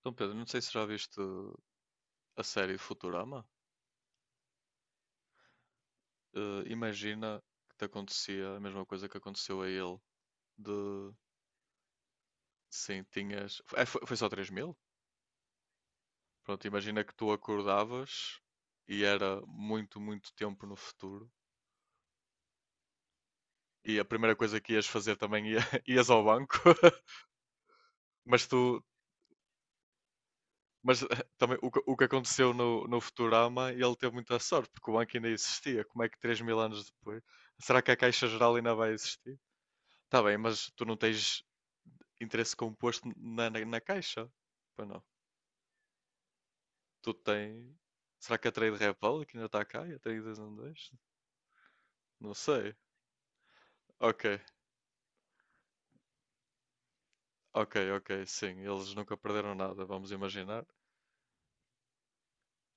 Então, Pedro, não sei se já viste a série Futurama. Imagina que te acontecia a mesma coisa que aconteceu a ele. De Sim, tinhas. É, foi só 3 mil? Pronto, imagina que tu acordavas e era muito, muito tempo no futuro. E a primeira coisa que ias fazer também ias ao banco. Mas tu. Mas também o que aconteceu no Futurama, ele teve muita sorte, porque o banco ainda existia. Como é que 3 mil anos depois? Será que a Caixa Geral ainda vai existir? Tá bem, mas tu não tens interesse composto na caixa. Pois não. Tu tem. Será que a Trade Republic ainda está cá? E a Trade 212? Não sei. Ok, ok, ok, sim. Eles nunca perderam nada, vamos imaginar.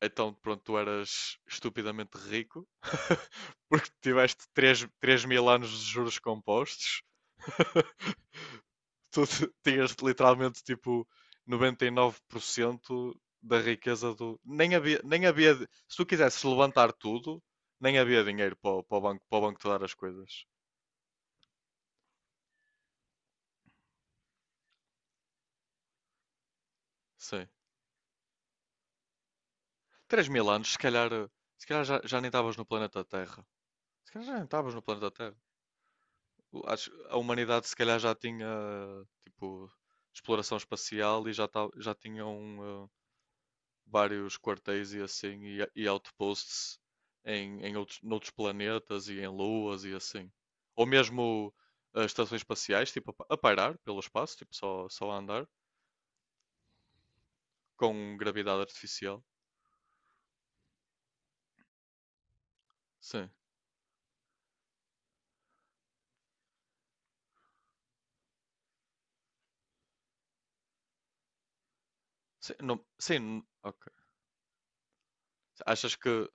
Então, pronto, tu eras estupidamente rico porque tiveste 3 3 mil anos de juros compostos. Tinhas literalmente tipo 99% da riqueza do. Nem havia, nem havia. Se tu quisesse levantar tudo, nem havia dinheiro para o banco te dar as coisas. Sim. Três mil anos, se calhar já nem estavas no planeta Terra. Se calhar já nem estavas no planeta Terra. A humanidade se calhar já tinha tipo exploração espacial e já tinham vários quartéis e assim, e outposts noutros planetas e em luas e assim. Ou mesmo estações espaciais, tipo, a pairar pelo espaço, tipo, só a andar, com gravidade artificial. Sim. Sim, sim, ok. Achas que,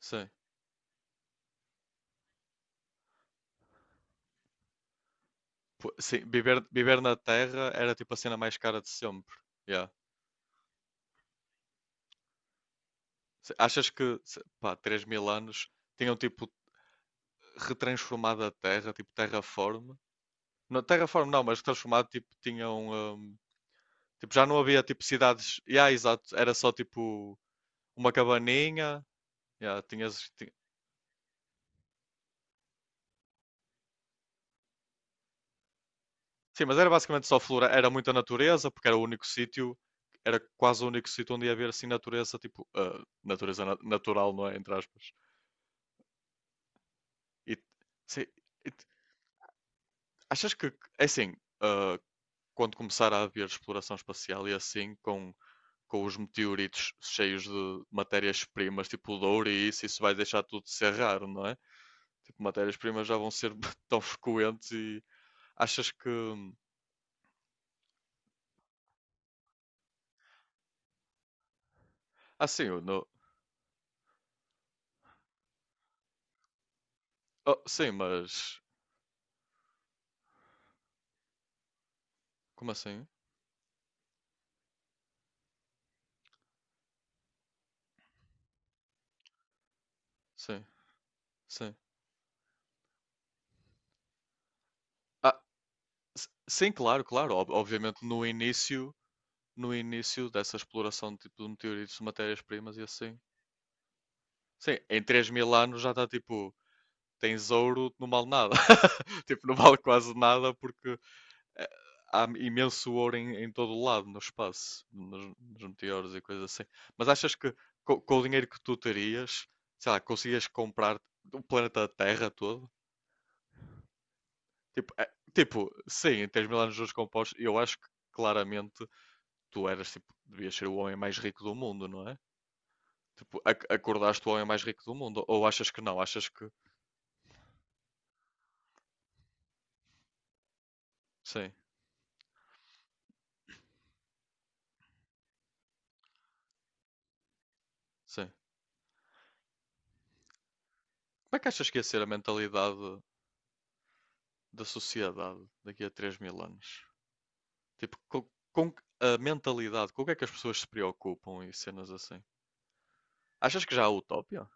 sim, pô, sim, viver na Terra era tipo a cena mais cara de sempre. Yeah. Achas que, pá, 3 mil anos tinham tipo retransformado a Terra, tipo terraform. No Terraform não, mas transformado, tipo, tinham. Tipo, já não havia tipo cidades. Yeah, exato. Era só tipo uma cabaninha. Yeah. Sim, mas era basicamente só flora. Era muita natureza, porque era o único sítio. Era quase o único sítio onde ia haver assim natureza, tipo. Natureza natural, não é? Entre aspas. E, sim, e t- achas que. É assim. ah, Quando começar a haver exploração espacial e assim, com os meteoritos cheios de matérias-primas, tipo de ouro e isso vai deixar tudo de ser raro, não é? Tipo, matérias-primas já vão ser tão frequentes e achas que. Ah, sim, no... Oh, sim, mas. Como assim? Sim, sim. Ah, sim, claro, claro. Obviamente no início dessa exploração de, tipo, de meteoritos, de matérias-primas e assim. Sim, em 3 mil anos já está tipo. Tens ouro, não vale nada. Tipo, não vale quase nada porque eh, há imenso ouro em todo o lado, no espaço, nos meteoros e coisas assim. Mas achas que com o dinheiro que tu terias, sei lá, conseguias comprar o planeta Terra todo? Tipo, tipo, sim, em 3 mil anos de juros compostos, eu acho que claramente tu eras, tipo, devias ser o homem mais rico do mundo, não é? Tipo, acordaste o homem mais rico do mundo. Ou achas que não? Achas que. Sim, sim. Como é que achas que ia ser a mentalidade da sociedade daqui a 3 mil anos? Tipo, com a mentalidade, com o que é que as pessoas se preocupam e cenas assim? Achas que já há utopia?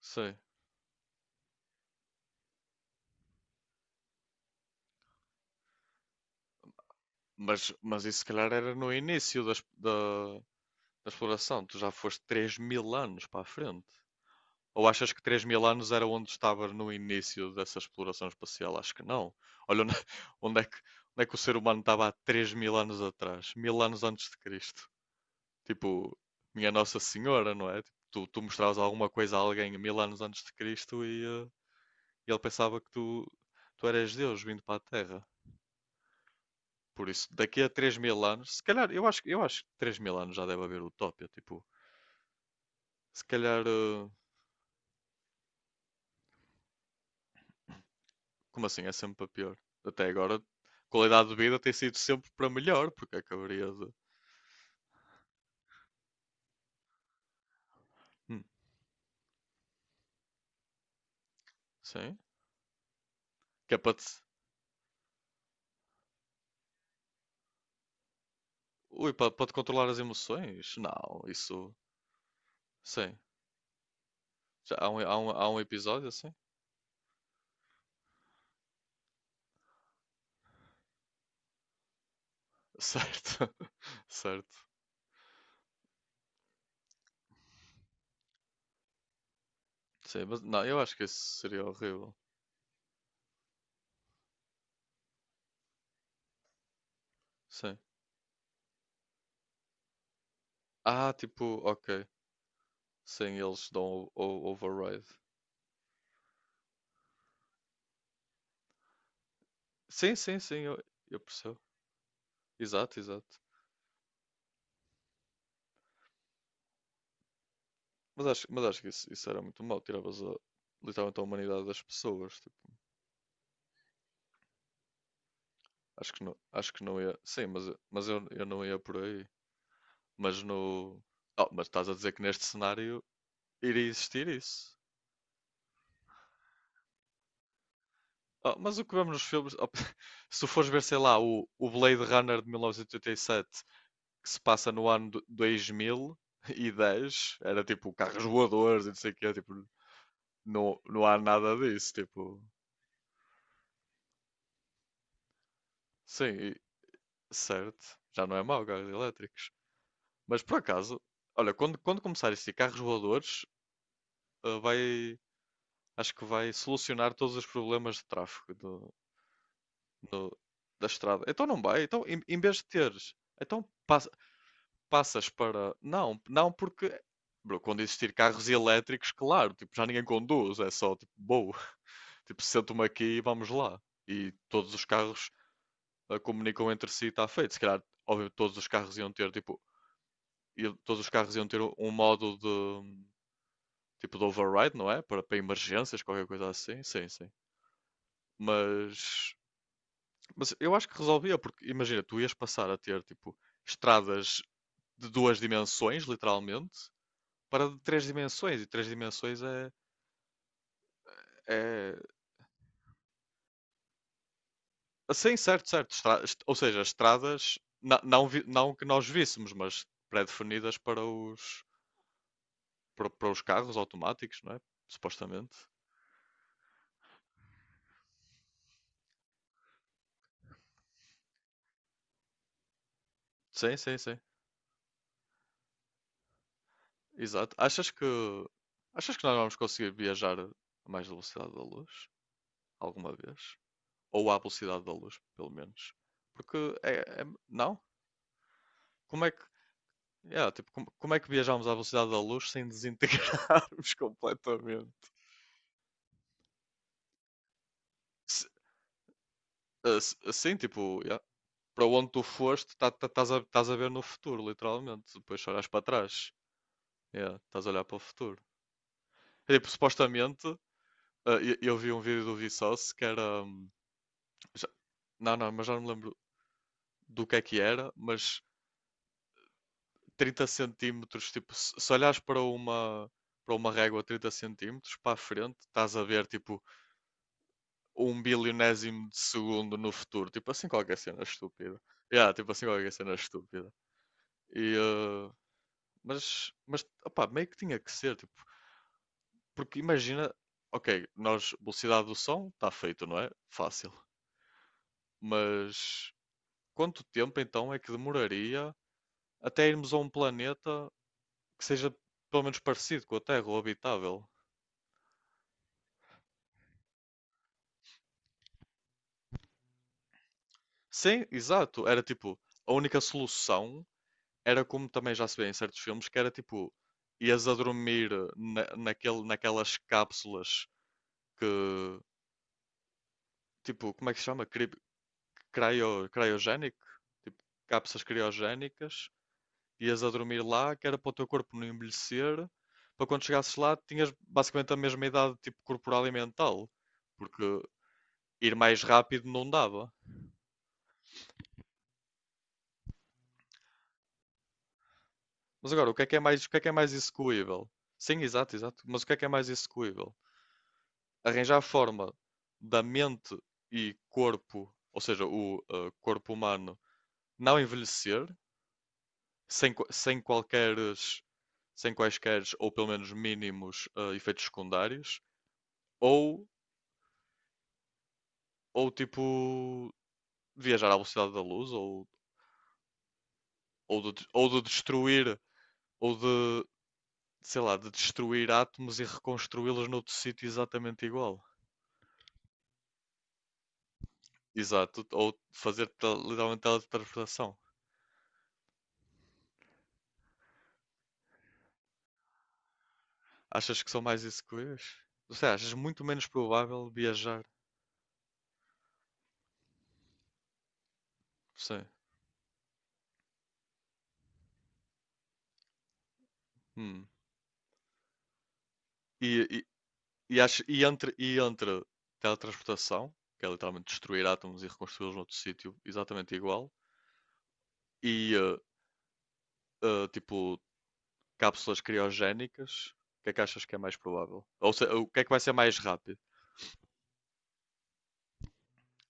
Sei. Mas isso se calhar era no início da exploração. Tu já foste 3 mil anos para a frente. Ou achas que 3 mil anos era onde estava no início dessa exploração espacial? Acho que não. Olha onde, onde é que, onde é que o ser humano estava há 3 mil anos atrás, mil anos antes de Cristo. Tipo, minha Nossa Senhora, não é? Tipo, tu mostravas alguma coisa a alguém mil anos antes de Cristo e. E ele pensava que tu eras Deus vindo para a Terra. Por isso, daqui a 3 mil anos, se calhar, eu acho que 3 mil anos já deve haver utopia. Tipo, se calhar, como assim? É sempre para pior. Até agora, qualidade de vida tem sido sempre para melhor, porque acabaria de. Hum, sim? Que é para te. Ui, para te controlar as emoções? Não, isso. Sim. Já há um episódio assim? Certo, certo. Sim, mas não, eu acho que isso seria horrível. Sim. Ah, tipo, ok. Sem eles dão o override. Sim, sim, sim, eu percebo. Exato, exato. Mas acho que isso era muito mau. Tiravas literalmente a humanidade das pessoas. Tipo, acho que não ia. Sim, mas, mas eu não ia por aí. Mas no. Oh, mas estás a dizer que neste cenário iria existir isso. Oh, mas o que vemos nos filmes. Oh, Se tu fores ver, sei lá, o Blade Runner de mil novecentos e oitenta e sete, que se passa no ano 2010, era tipo carros voadores e não sei o quê. Tipo. Não, não há nada disso, tipo. Sim, certo. Já não é mau, carros elétricos. Mas por acaso, olha, quando começar isso de carros voadores, ah, vai, acho que vai solucionar todos os problemas de tráfego do- da estrada. Então não vai. Então, em vez de teres, então passas para. Não, não porque. Bro, quando existir carros elétricos, claro, tipo, já ninguém conduz, é só tipo, boa. Tipo, sento-me aqui e vamos lá. E todos os carros comunicam entre si, está feito. Se calhar, óbvio, todos os carros iam ter, tipo, todos os carros iam ter um modo de, tipo, de override, não é? Para emergências, qualquer coisa assim. Sim, sim. Mas, mas eu acho que resolvia, porque imagina, tu ias passar a ter, tipo, estradas de duas dimensões, literalmente, para de três dimensões. E três dimensões é. Assim, certo, certo. Ou seja, estradas, não, não que nós víssemos, mas pré-definidas para os carros automáticos, não é? Supostamente. Sim, sim, sim. Exato. Achas que nós vamos conseguir viajar a mais velocidade da luz alguma vez? Ou à velocidade da luz, pelo menos? Porque não? Como é que Yeah, tipo, como é que viajamos à velocidade da luz sem desintegrarmos completamente? Se- Sim, tipo, yeah. Para onde tu foste, estás a ver no futuro, literalmente. Depois só olhas para trás. Yeah, estás a olhar para o futuro. É, tipo, supostamente. Ah, eu vi um vídeo do Vsauce que era. Já- não, não, mas já não me lembro do que é que era, mas 30 cm, tipo, se olhares para uma, régua 30 cm para a frente, estás a ver, tipo, um bilionésimo de segundo no futuro. Tipo assim, qualquer cena estúpida. Yeah, tipo assim, qualquer cena estúpida. E, mas, opá, meio que tinha que ser, tipo, porque imagina, ok, nós, velocidade do som, está feito, não é? Fácil. Mas quanto tempo então é que demoraria até irmos a um planeta que seja pelo menos parecido com a Terra ou habitável? Sim, exato. Era tipo, a única solução era como também já se vê em certos filmes, que era tipo, ias a dormir naquelas cápsulas que, tipo, como é que se chama? Cryo, cryogénico? Tipo, cápsulas criogénicas. Ias a dormir lá, que era para o teu corpo não envelhecer, para quando chegasses lá, tinhas basicamente a mesma idade, tipo, corporal e mental, porque ir mais rápido não dava. Mas agora, o que é mais, o que é mais execuível? Sim, exato, exato. Mas o que é mais execuível? Arranjar a forma da mente e corpo, ou seja, o corpo humano, não envelhecer, sem, qua- sem qualqueres, sem quaisqueres, ou pelo menos mínimos, efeitos secundários, ou, ou tipo, viajar à velocidade da luz ou de destruir ou de, sei lá, de destruir átomos e reconstruí-los noutro sítio exatamente igual. Exato, ou fazer literalmente teletransportação. Achas que são mais isso que vês? Ou seja, achas muito menos provável viajar. Sim. Hum. E, e, e entre teletransportação, que é literalmente destruir átomos e reconstruí-los noutro sítio exatamente igual, e tipo cápsulas criogénicas? O que é que achas que é mais provável? Ou o que é que vai ser mais rápido?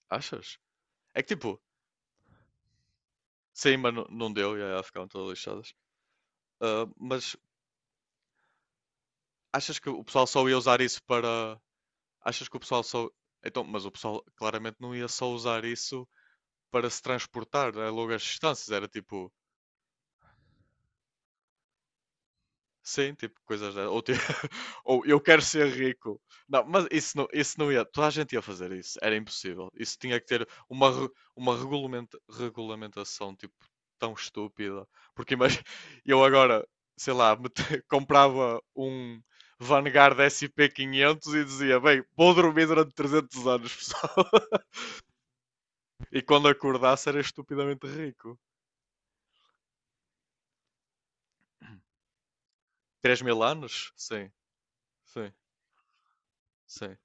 Achas? É que tipo. Saima não deu e aí elas ficaram todas lixadas. Ah, mas achas que o pessoal só ia usar isso para. Achas que o pessoal só. Então, mas o pessoal claramente não ia só usar isso para se transportar, né, a longas distâncias. Era tipo. Sim, tipo coisas dessas. Ou, tipo, ou eu quero ser rico. Não, mas isso não, isso não ia. Toda a gente ia fazer isso. Era impossível. Isso tinha que ter uma regulamentação tipo tão estúpida. Porque imagina, eu agora, sei lá, comprava um Vanguard S&P 500 e dizia: Bem, vou dormir durante 300 anos, pessoal. E quando acordasse era estupidamente rico. Três mil anos? Sim, sim, sim.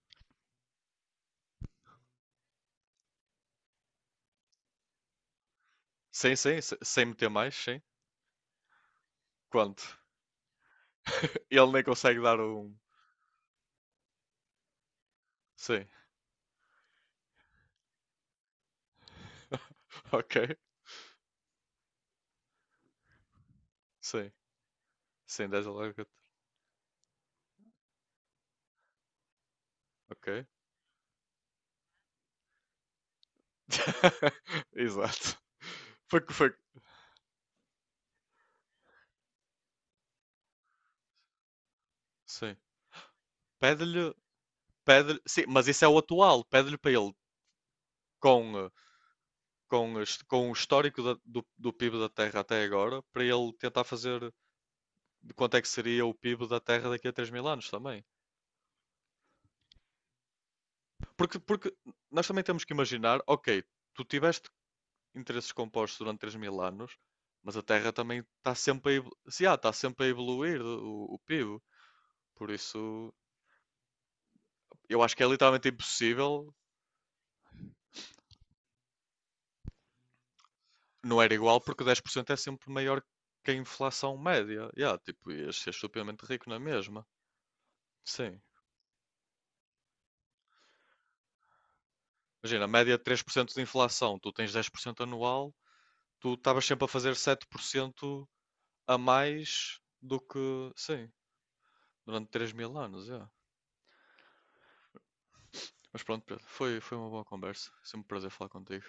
Sim, sim, sem meter mais, sim. Quanto? Ele nem consegue dar um. Sim, ok. Sim, sim, 10 alarga. Ok. Exato. Foi que foi. Sim. Pede-lhe. Pede sim, mas isso é o atual. Pede-lhe para ele, com, eh, com, as- com o histórico do PIB da Terra até agora, para ele tentar fazer de quanto é que seria o PIB da Terra daqui a 3 mil anos também. Porque nós também temos que imaginar, ok, tu tiveste interesses compostos durante 3 mil anos, mas a Terra também está sempre a, evolu- se há, está sempre a evoluir o PIB. Por isso, eu acho que é literalmente impossível. Não era igual porque 10% é sempre maior que a inflação média. Yeah, tipo, ias ser estupidamente rico na mesma. Sim. Imagina, a média de 3% de inflação, tu tens 10% anual, tu estavas sempre a fazer 7% a mais do que, sim, durante 3 mil anos, yeah. Mas pronto, Pedro, foi uma boa conversa. Sempre um prazer falar contigo.